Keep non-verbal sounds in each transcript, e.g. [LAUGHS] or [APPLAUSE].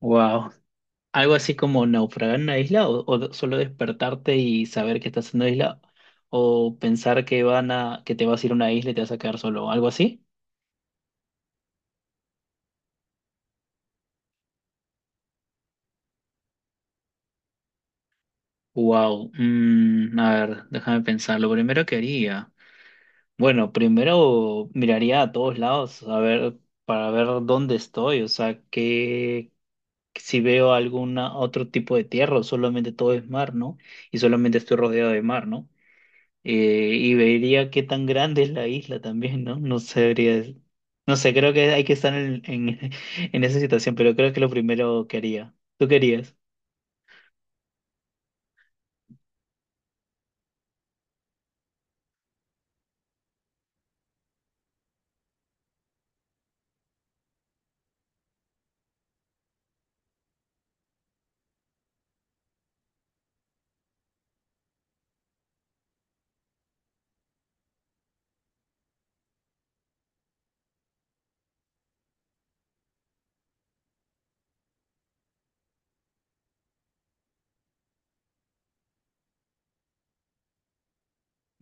Wow. Algo así como naufragar en una isla o solo despertarte y saber que estás en una isla o pensar que van a que te vas a ir a una isla y te vas a quedar solo, algo así. Wow. A ver, déjame pensar. Lo primero que haría. Bueno, primero miraría a todos lados a ver para ver dónde estoy, o sea, que si veo alguna otro tipo de tierra o solamente todo es mar, ¿no? Y solamente estoy rodeado de mar, ¿no? Y vería qué tan grande es la isla también, ¿no? No sabría. No sé, creo que hay que estar [LAUGHS] en esa situación, pero creo que lo primero que haría. ¿Tú querías?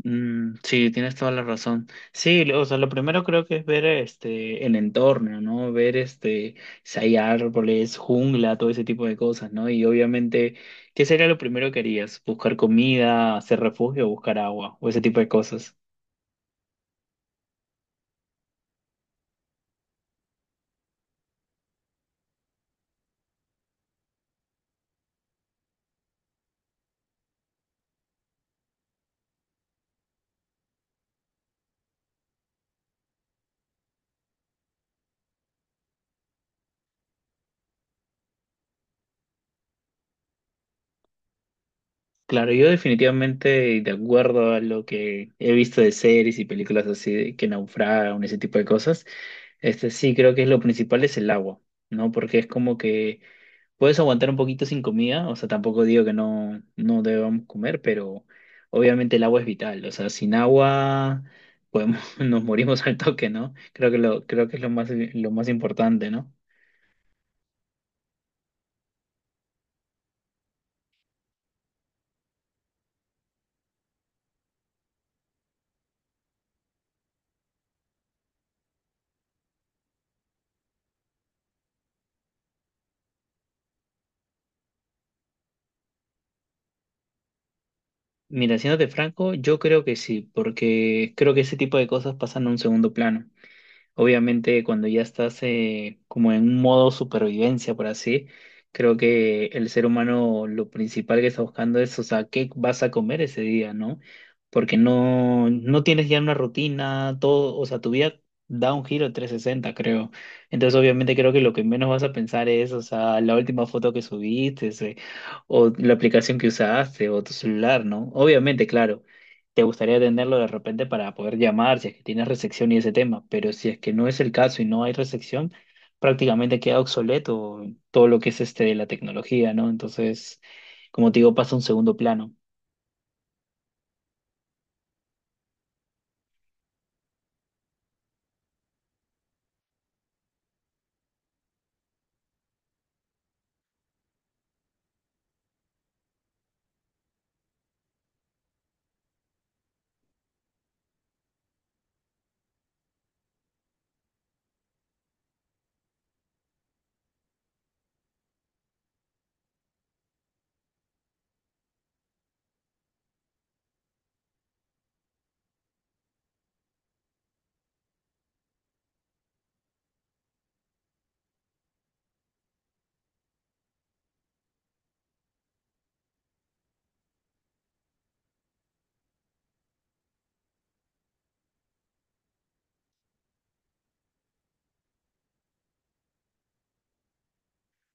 Sí, tienes toda la razón. Sí, o sea, lo primero creo que es ver este el entorno, ¿no? Ver este si hay árboles, jungla, todo ese tipo de cosas, ¿no? Y obviamente, ¿qué sería lo primero que harías? ¿Buscar comida, hacer refugio, buscar agua o ese tipo de cosas? Claro, yo definitivamente, de acuerdo a lo que he visto de series y películas así de que naufragan, ese tipo de cosas, este sí creo que es lo principal es el agua, ¿no? Porque es como que puedes aguantar un poquito sin comida, o sea, tampoco digo que no debamos comer, pero obviamente el agua es vital, o sea, sin agua podemos, [LAUGHS] nos morimos al toque, ¿no? Creo que lo, creo que es lo más importante, ¿no? Mira, siéndote franco, yo creo que sí, porque creo que ese tipo de cosas pasan a un segundo plano. Obviamente, cuando ya estás como en un modo supervivencia, por así, creo que el ser humano lo principal que está buscando es, o sea, qué vas a comer ese día, ¿no? Porque no tienes ya una rutina, todo, o sea, tu vida da un giro de 360 creo. Entonces, obviamente, creo que lo que menos vas a pensar es, o sea, la última foto que subiste, ese, o la aplicación que usaste, o tu celular, ¿no? Obviamente, claro te gustaría tenerlo de repente para poder llamar si es que tienes resección y ese tema, pero si es que no es el caso y no hay resección, prácticamente queda obsoleto todo lo que es este de la tecnología, ¿no? Entonces, como te digo, pasa a un segundo plano.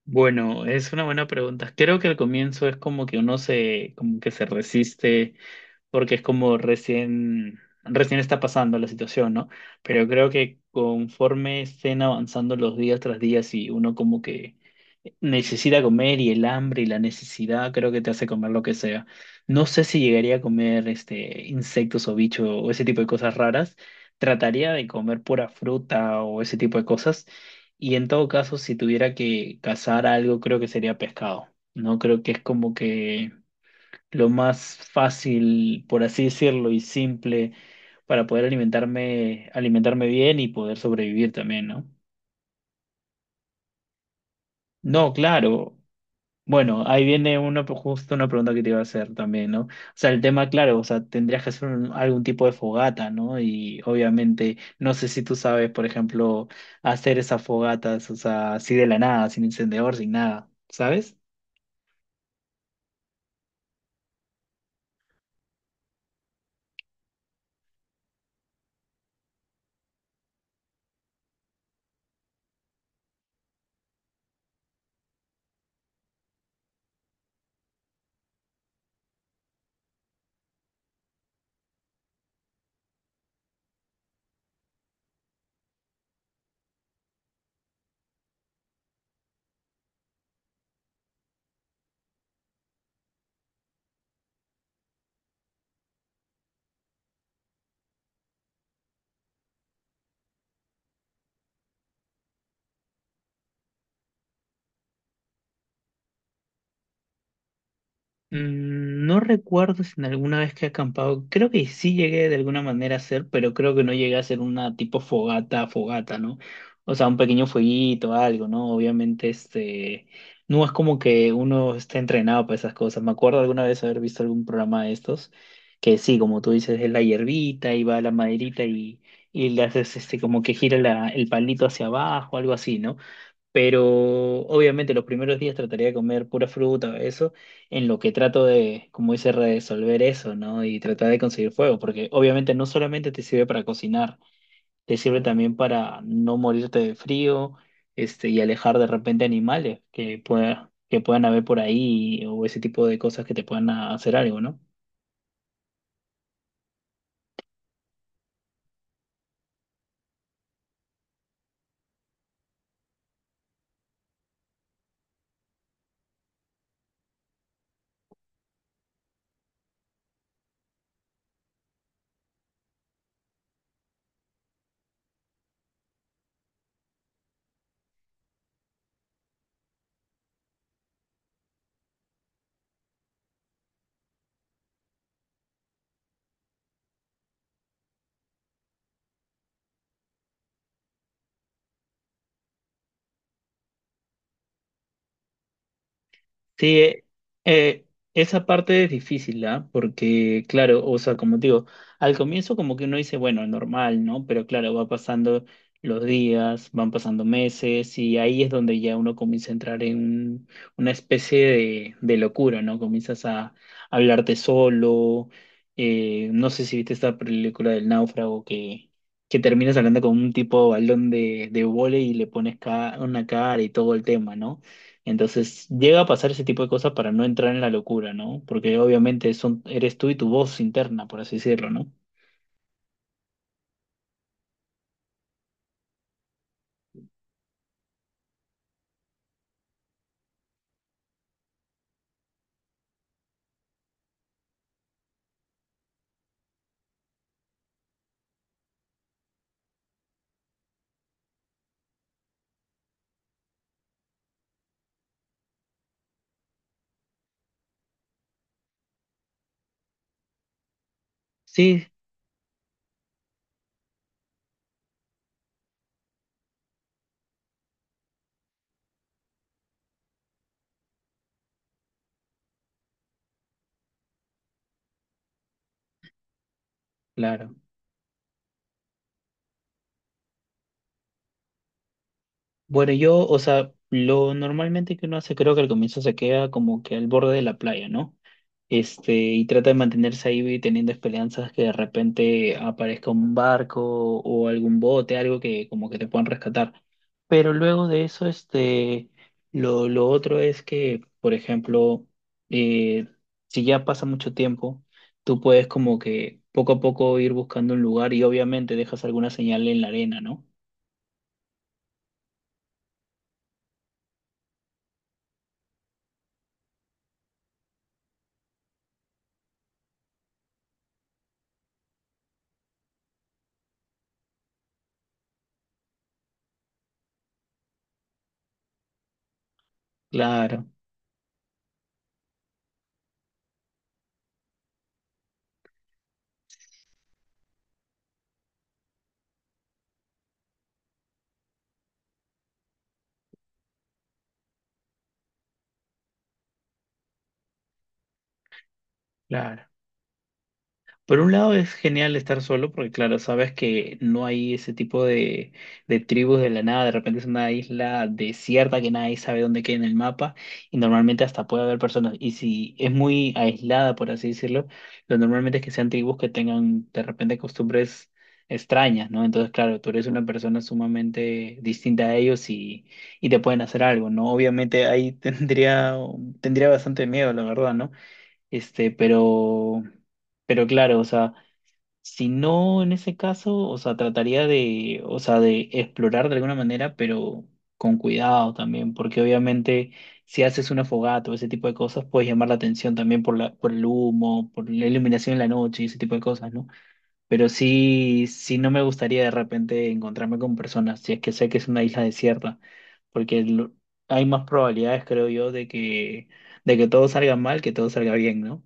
Bueno, es una buena pregunta. Creo que al comienzo es como que uno se, como que se resiste, porque es como recién, recién está pasando la situación, ¿no? Pero creo que conforme estén avanzando los días tras días y uno como que necesita comer y el hambre y la necesidad creo que te hace comer lo que sea. No sé si llegaría a comer este insectos o bichos o ese tipo de cosas raras. Trataría de comer pura fruta o ese tipo de cosas. Y en todo caso, si tuviera que cazar algo, creo que sería pescado. No creo que es como que lo más fácil, por así decirlo, y simple para poder alimentarme, alimentarme bien y poder sobrevivir también, ¿no? No, claro. Bueno, ahí viene una, justo una pregunta que te iba a hacer también, ¿no? O sea, el tema, claro, o sea, tendrías que hacer algún tipo de fogata, ¿no? Y obviamente, no sé si tú sabes, por ejemplo, hacer esas fogatas, o sea, así de la nada, sin encendedor, sin nada, ¿sabes? No recuerdo si en alguna vez que he acampado, creo que sí llegué de alguna manera a hacer, pero creo que no llegué a hacer una tipo fogata, fogata, ¿no? O sea, un pequeño fueguito, algo, ¿no? Obviamente, este, no es como que uno esté entrenado para esas cosas. Me acuerdo alguna vez haber visto algún programa de estos, que sí, como tú dices, es la hierbita y va la maderita y le haces, este, como que gira el palito hacia abajo, algo así, ¿no? Pero obviamente los primeros días trataría de comer pura fruta, eso, en lo que trato de, como dice, resolver eso, ¿no? Y tratar de conseguir fuego, porque obviamente no solamente te sirve para cocinar, te sirve también para no morirte de frío, este, y alejar de repente animales que pueda, que puedan haber por ahí o ese tipo de cosas que te puedan hacer algo, ¿no? Sí, eh, esa parte es difícil, ¿ah? Porque, claro, o sea, como te digo, al comienzo como que uno dice, bueno, normal, ¿no? Pero claro, va pasando los días, van pasando meses y ahí es donde ya uno comienza a entrar en una especie de locura, ¿no? Comienzas a hablarte solo, no sé si viste esta película del náufrago que terminas hablando con un tipo balón de vóley y le pones una cara y todo el tema, ¿no? Entonces llega a pasar ese tipo de cosas para no entrar en la locura, ¿no? Porque obviamente son, eres tú y tu voz interna, por así decirlo, ¿no? Sí, claro. Bueno, yo, o sea, lo normalmente que uno hace, creo que al comienzo se queda como que al borde de la playa, ¿no? Este, y trata de mantenerse ahí y teniendo esperanzas que de repente aparezca un barco o algún bote, algo que como que te puedan rescatar. Pero luego de eso, este, lo otro es que, por ejemplo, eh, si ya pasa mucho tiempo, tú puedes como que poco a poco ir buscando un lugar y obviamente dejas alguna señal en la arena, ¿no? Claro, claro. Por un lado es genial estar solo porque claro, sabes que no hay ese tipo de tribus de la nada, de repente es una isla desierta que nadie sabe dónde queda en el mapa y normalmente hasta puede haber personas y si es muy aislada, por así decirlo, lo normalmente es que sean tribus que tengan de repente costumbres extrañas, ¿no? Entonces claro, tú eres una persona sumamente distinta a ellos y te pueden hacer algo, ¿no? Obviamente ahí [LAUGHS] tendría, tendría bastante miedo, la verdad, ¿no? Este, pero claro, o sea, si no en ese caso, o sea, trataría de, o sea, de explorar de alguna manera, pero con cuidado también, porque obviamente si haces una fogata o ese tipo de cosas, puedes llamar la atención también por la, por el humo, por la iluminación en la noche y ese tipo de cosas, ¿no? Pero sí, sí no me gustaría de repente encontrarme con personas, si es que sé que es una isla desierta, porque hay más probabilidades, creo yo, de que todo salga mal que todo salga bien, ¿no?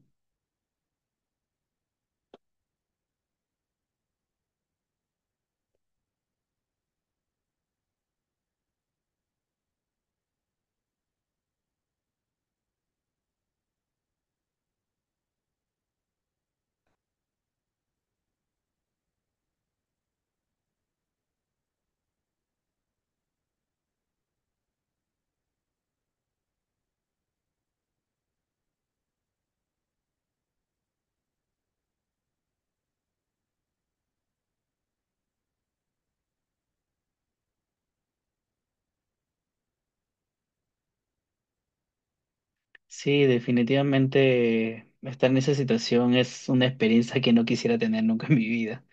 Sí, definitivamente estar en esa situación es una experiencia que no quisiera tener nunca en mi vida.